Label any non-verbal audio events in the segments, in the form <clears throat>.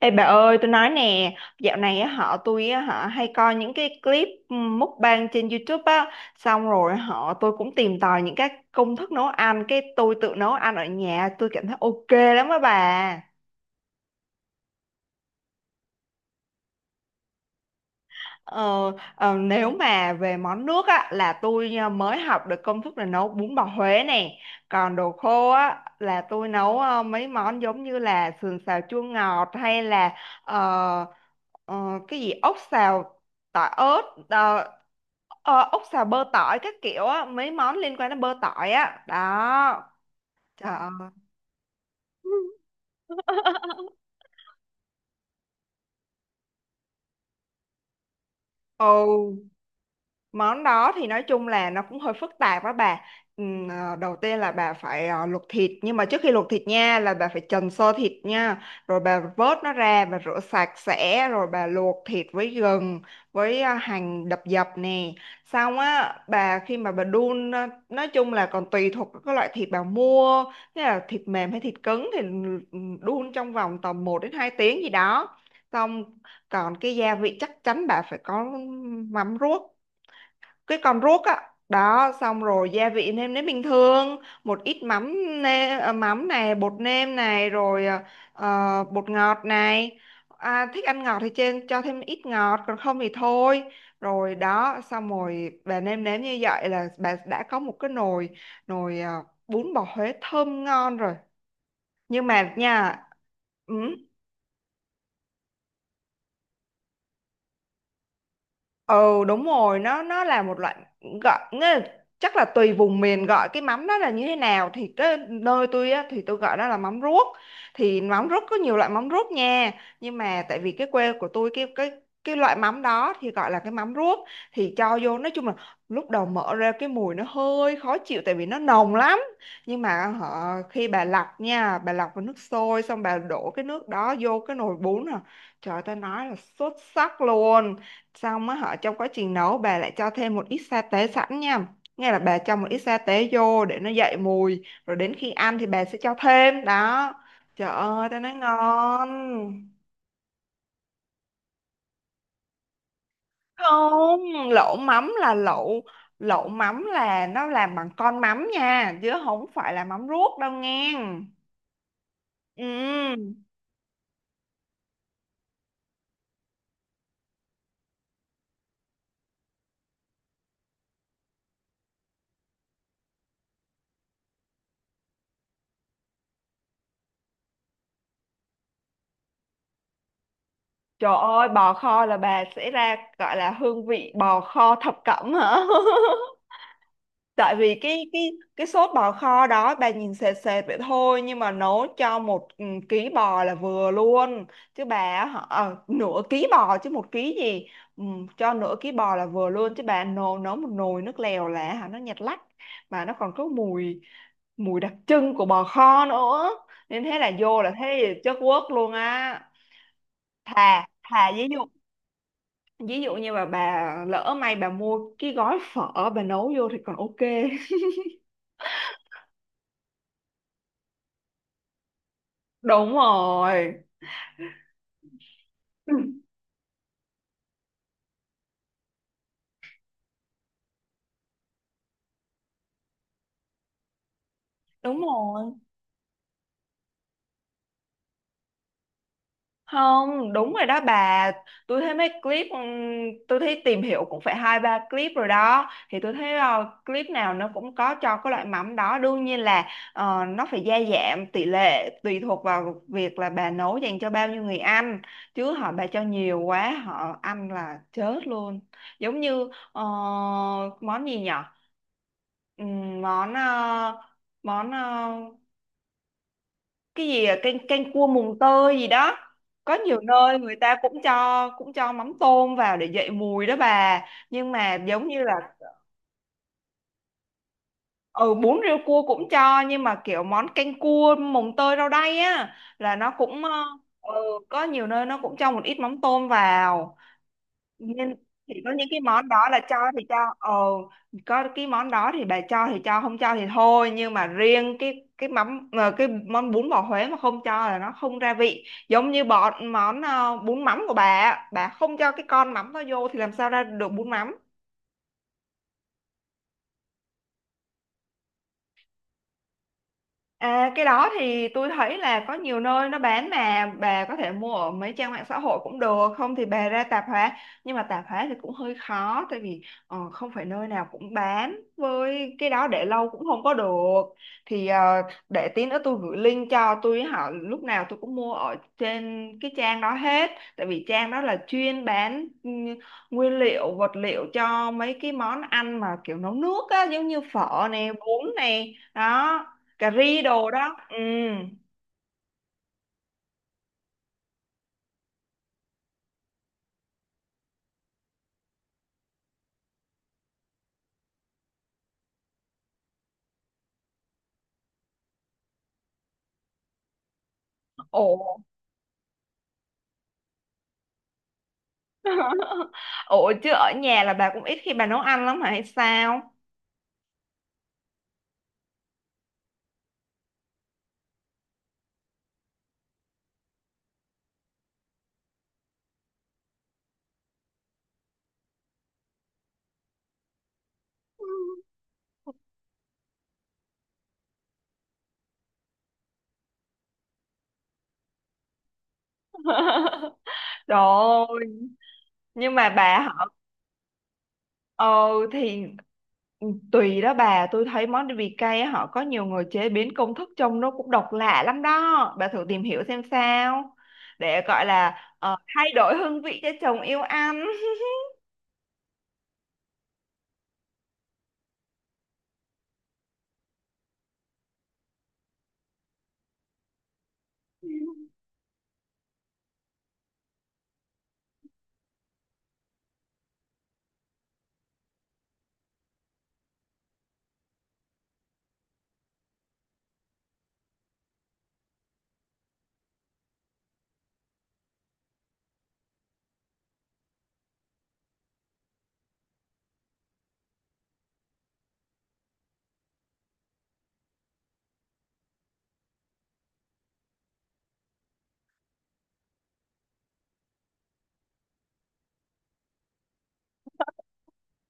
Ê bà ơi, tôi nói nè, dạo này á, họ tôi á, họ hay coi những cái clip mukbang trên YouTube á, xong rồi tôi cũng tìm tòi những cái công thức nấu ăn, cái tôi tự nấu ăn ở nhà, tôi cảm thấy ok lắm á bà. Ờ, nếu mà về món nước á, là tôi mới học được công thức là nấu bún bò Huế nè, còn đồ khô á, là tôi nấu mấy món giống như là sườn xào chua ngọt hay là ờ, ờ, cái gì ốc xào tỏi ớt, ờ, ốc xào bơ tỏi các kiểu á, mấy món liên quan đến bơ tỏi á đó. Trời ơi. <laughs> Ừ. Món đó thì nói chung là nó cũng hơi phức tạp á bà. Đầu tiên là bà phải luộc thịt, nhưng mà trước khi luộc thịt nha là bà phải trần sơ thịt nha, rồi bà vớt nó ra bà rửa sạch sẽ, rồi bà luộc thịt với gừng với hành đập dập nè. Xong á bà, khi mà bà đun á, nói chung là còn tùy thuộc vào cái loại thịt bà mua, thế là thịt mềm hay thịt cứng thì đun trong vòng tầm một đến 2 tiếng gì đó. Xong, còn cái gia vị chắc chắn bà phải có mắm ruốc, cái con ruốc á đó, xong rồi gia vị nêm nếm bình thường, một ít mắm nêm, mắm này, bột nêm này, rồi bột ngọt này. Thích ăn ngọt thì trên cho thêm ít ngọt, còn không thì thôi. Rồi đó, xong rồi bà nêm nếm như vậy là bà đã có một cái nồi, nồi à, bún bò Huế thơm ngon rồi, nhưng mà nha. Ừ, ừ đúng rồi, nó là một loại, gọi nghĩa là, chắc là tùy vùng miền gọi cái mắm đó là như thế nào, thì cái nơi tôi á, thì tôi gọi đó là mắm ruốc. Thì mắm ruốc có nhiều loại mắm ruốc nha, nhưng mà tại vì cái quê của tôi, cái cái loại mắm đó thì gọi là cái mắm ruốc. Thì cho vô, nói chung là lúc đầu mở ra cái mùi nó hơi khó chịu, tại vì nó nồng lắm, nhưng mà khi bà lọc nha, bà lọc vào nước sôi xong bà đổ cái nước đó vô cái nồi bún à, trời, ta nói là xuất sắc luôn. Xong á, trong quá trình nấu bà lại cho thêm một ít sa tế sẵn nha, nghe là bà cho một ít sa tế vô để nó dậy mùi, rồi đến khi ăn thì bà sẽ cho thêm đó. Trời ơi, tao nói ngon. Không, lẩu mắm là lẩu, lẩu mắm là nó làm bằng con mắm nha, chứ không phải là mắm ruốc đâu nghe. Ừ. Trời ơi, bò kho là bà sẽ ra gọi là hương vị bò kho thập cẩm hả. <laughs> Tại vì cái cái sốt bò kho đó bà nhìn sệt sệt vậy thôi, nhưng mà nấu cho một, ừ, ký bò là vừa luôn. Chứ bà nửa ký bò chứ một ký gì. Ừ, cho nửa ký bò là vừa luôn, chứ bà nấu nấu một nồi nước lèo là hả nó nhạt lắc, mà nó còn có mùi, mùi đặc trưng của bò kho nữa, nên thế là vô là thấy chất quốc luôn á. Thà thà ví dụ, ví dụ như mà bà lỡ may bà mua cái gói phở bà nấu vô thì còn ok. Đúng rồi. <clears throat> Ừ, đúng rồi. Không, đúng rồi đó bà. Tôi thấy mấy clip, tôi thấy tìm hiểu cũng phải hai ba clip rồi đó, thì tôi thấy clip nào nó cũng có cho cái loại mắm đó, đương nhiên là nó phải gia giảm tỷ lệ tùy thuộc vào việc là bà nấu dành cho bao nhiêu người ăn, chứ bà cho nhiều quá họ ăn là chết luôn. Giống như món gì nhở, món món cái gì canh canh cua mùng tơi gì đó, có nhiều nơi người ta cũng cho, cũng cho mắm tôm vào để dậy mùi đó bà, nhưng mà giống như là, ừ, bún riêu cua cũng cho, nhưng mà kiểu món canh cua mùng tơi rau đay á là nó cũng ừ, có nhiều nơi nó cũng cho một ít mắm tôm vào, nên chỉ có những cái món đó là cho thì cho. Ồ, có cái món đó thì bà cho thì cho, không cho thì thôi. Nhưng mà riêng cái mắm cái món bún bò Huế mà không cho là nó không ra vị, giống như bọn món bún mắm của bà á, bà không cho cái con mắm nó vô thì làm sao ra được bún mắm. À, cái đó thì tôi thấy là có nhiều nơi nó bán, mà bà có thể mua ở mấy trang mạng xã hội cũng được, không thì bà ra tạp hóa. Nhưng mà tạp hóa thì cũng hơi khó, tại vì không phải nơi nào cũng bán, với cái đó để lâu cũng không có được. Thì để tí nữa tôi gửi link cho tôi hỏi, lúc nào tôi cũng mua ở trên cái trang đó hết, tại vì trang đó là chuyên bán, ừ, nguyên liệu vật liệu cho mấy cái món ăn mà kiểu nấu nước á, giống như phở nè, bún nè, đó, cà ri đồ đó. Ừ. Ồ. <laughs> Ồ, chứ ở nhà là bà cũng ít khi bà nấu ăn lắm hả hay sao. <laughs> Rồi, nhưng mà bà ờ, thì tùy đó bà, tôi thấy món vị cay á, họ có nhiều người chế biến công thức trông nó cũng độc lạ lắm đó bà, thử tìm hiểu xem sao, để gọi là thay đổi hương vị cho chồng yêu ăn.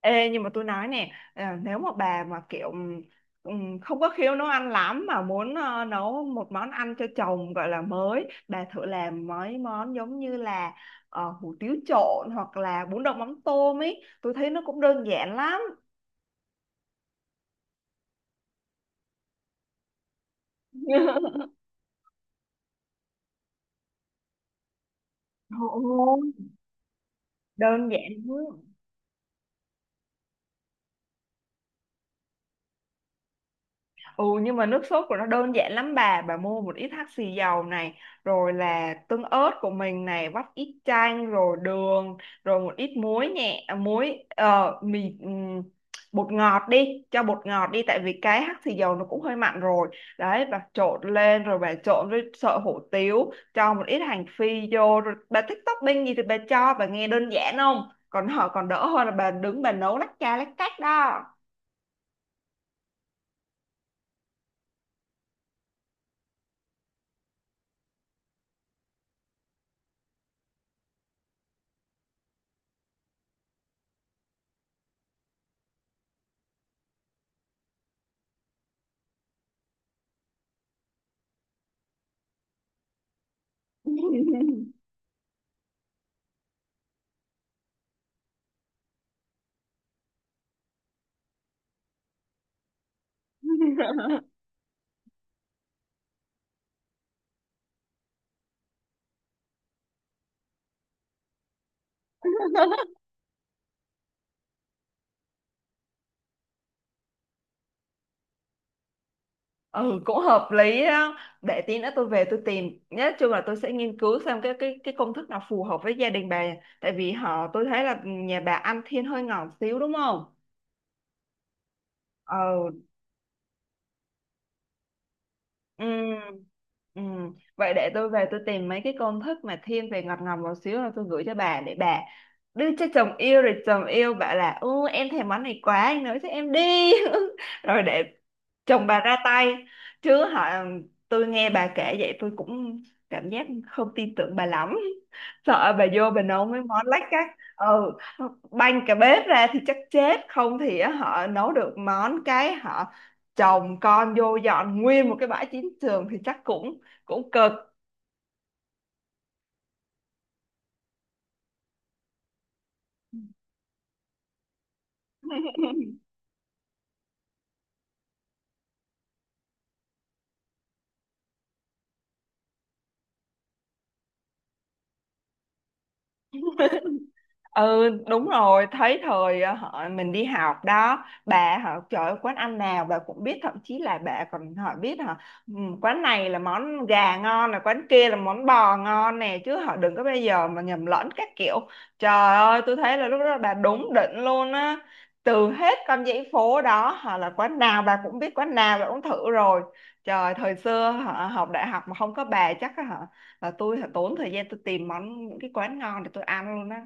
Ê, nhưng mà tôi nói nè à, nếu mà bà mà kiểu không có khiếu nấu ăn lắm, mà muốn nấu một món ăn cho chồng gọi là mới, bà thử làm mấy món giống như là hủ tiếu trộn, hoặc là bún đậu mắm tôm ấy, tôi thấy nó cũng đơn giản lắm. <laughs> Ồ, đơn giản. Ừ, nhưng mà nước sốt của nó đơn giản lắm bà. Bà mua một ít hắc xì dầu này, rồi là tương ớt của mình này, vắt ít chanh rồi đường, rồi một ít muối nhẹ, muối mì bột ngọt đi, cho bột ngọt đi, tại vì cái hắc xì dầu nó cũng hơi mặn rồi. Đấy bà trộn lên, rồi bà trộn với sợi hủ tiếu, cho một ít hành phi vô rồi, bà thích topping gì thì bà cho. Bà nghe đơn giản không? Còn còn đỡ hơn là bà đứng bà nấu lách cha lách cách đó. <laughs> Ừ cũng hợp lý đó, để tí nữa tôi về tôi tìm, nhất chung là tôi sẽ nghiên cứu xem cái cái công thức nào phù hợp với gia đình bà, tại vì tôi thấy là nhà bà ăn thiên hơi ngọt xíu đúng không. Ừ. Ừ, ừ. Vậy để tôi về tôi tìm mấy cái công thức mà thiên về ngọt ngọt một xíu, rồi tôi gửi cho bà để bà đưa cho chồng yêu, rồi chồng yêu bảo là ô em thèm món này quá anh nấu cho em đi. <laughs> Rồi để chồng bà ra tay, chứ tôi nghe bà kể vậy tôi cũng cảm giác không tin tưởng bà lắm. <laughs> Sợ bà vô bà nấu mấy món lách cách, ừ, banh cả bếp ra thì chắc chết, không thì á, nấu được món cái chồng con vô dọn nguyên một cái bãi chiến trường thì chắc cũng cũng cực. Ừ đúng rồi, thấy thời ờ, họ mình đi học đó bà, họ trời ơi, quán ăn nào bà cũng biết, thậm chí là bà còn biết hả, ừ, quán này là món gà ngon, là quán kia là món bò ngon nè, chứ đừng có bây giờ mà nhầm lẫn các kiểu. Trời ơi, tôi thấy là lúc đó bà đúng đỉnh luôn á, từ hết con dãy phố đó họ là quán nào bà cũng biết, quán nào bà cũng thử rồi. Trời, thời xưa học đại học mà không có bà chắc á hả, là tôi hả, tốn thời gian tôi tìm món những cái quán ngon để tôi ăn luôn á.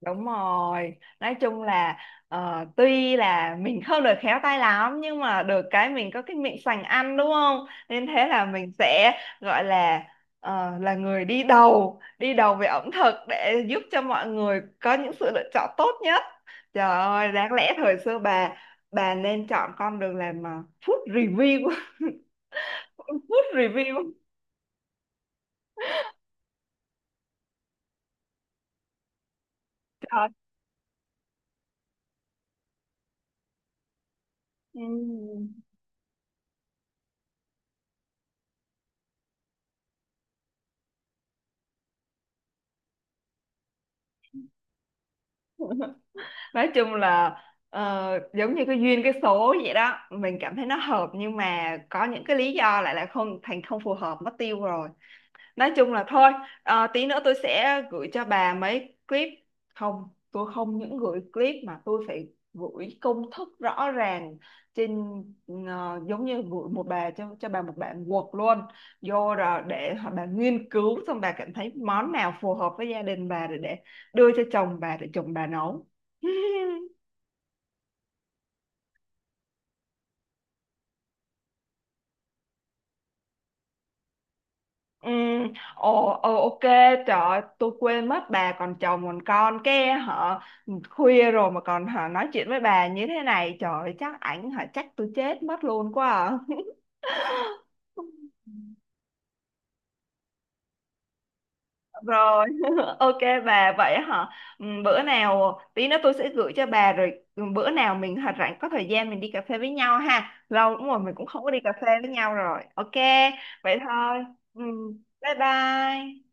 Đúng rồi, nói chung là tuy là mình không được khéo tay lắm, nhưng mà được cái mình có cái miệng sành ăn đúng không? Nên thế là mình sẽ gọi là là người đi đầu về ẩm thực, để giúp cho mọi người có những sự lựa chọn tốt nhất. Trời ơi, đáng lẽ thời xưa bà nên chọn con đường làm food review, <laughs> food review. Trời. Ừ. Nói chung là giống như cái duyên cái số vậy đó, mình cảm thấy nó hợp, nhưng mà có những cái lý do lại là không thành, không phù hợp mất tiêu rồi. Nói chung là thôi, tí nữa tôi sẽ gửi cho bà mấy clip. Không, tôi không những gửi clip mà tôi phải gửi công thức rõ ràng trên, giống như gửi một bà cho, bà một bản Word luôn, vô rồi để bà nghiên cứu, xong bà cảm thấy món nào phù hợp với gia đình bà để đưa cho chồng bà để chồng bà nấu. <laughs> Ừ, ồ, ờ, ok, trời ơi, tôi quên mất bà còn chồng còn con cái, khuya rồi mà còn nói chuyện với bà như thế này, trời ơi, chắc ảnh chắc tôi chết mất luôn quá à. <laughs> Rồi, <laughs> ok, bà vậy hả? Ừ, bữa nào tí nữa tôi sẽ gửi cho bà, rồi ừ, bữa nào mình hả rảnh có thời gian mình đi cà phê với nhau ha. Lâu lắm rồi mình cũng không có đi cà phê với nhau rồi. Ok, vậy thôi. Ừ, bye bye.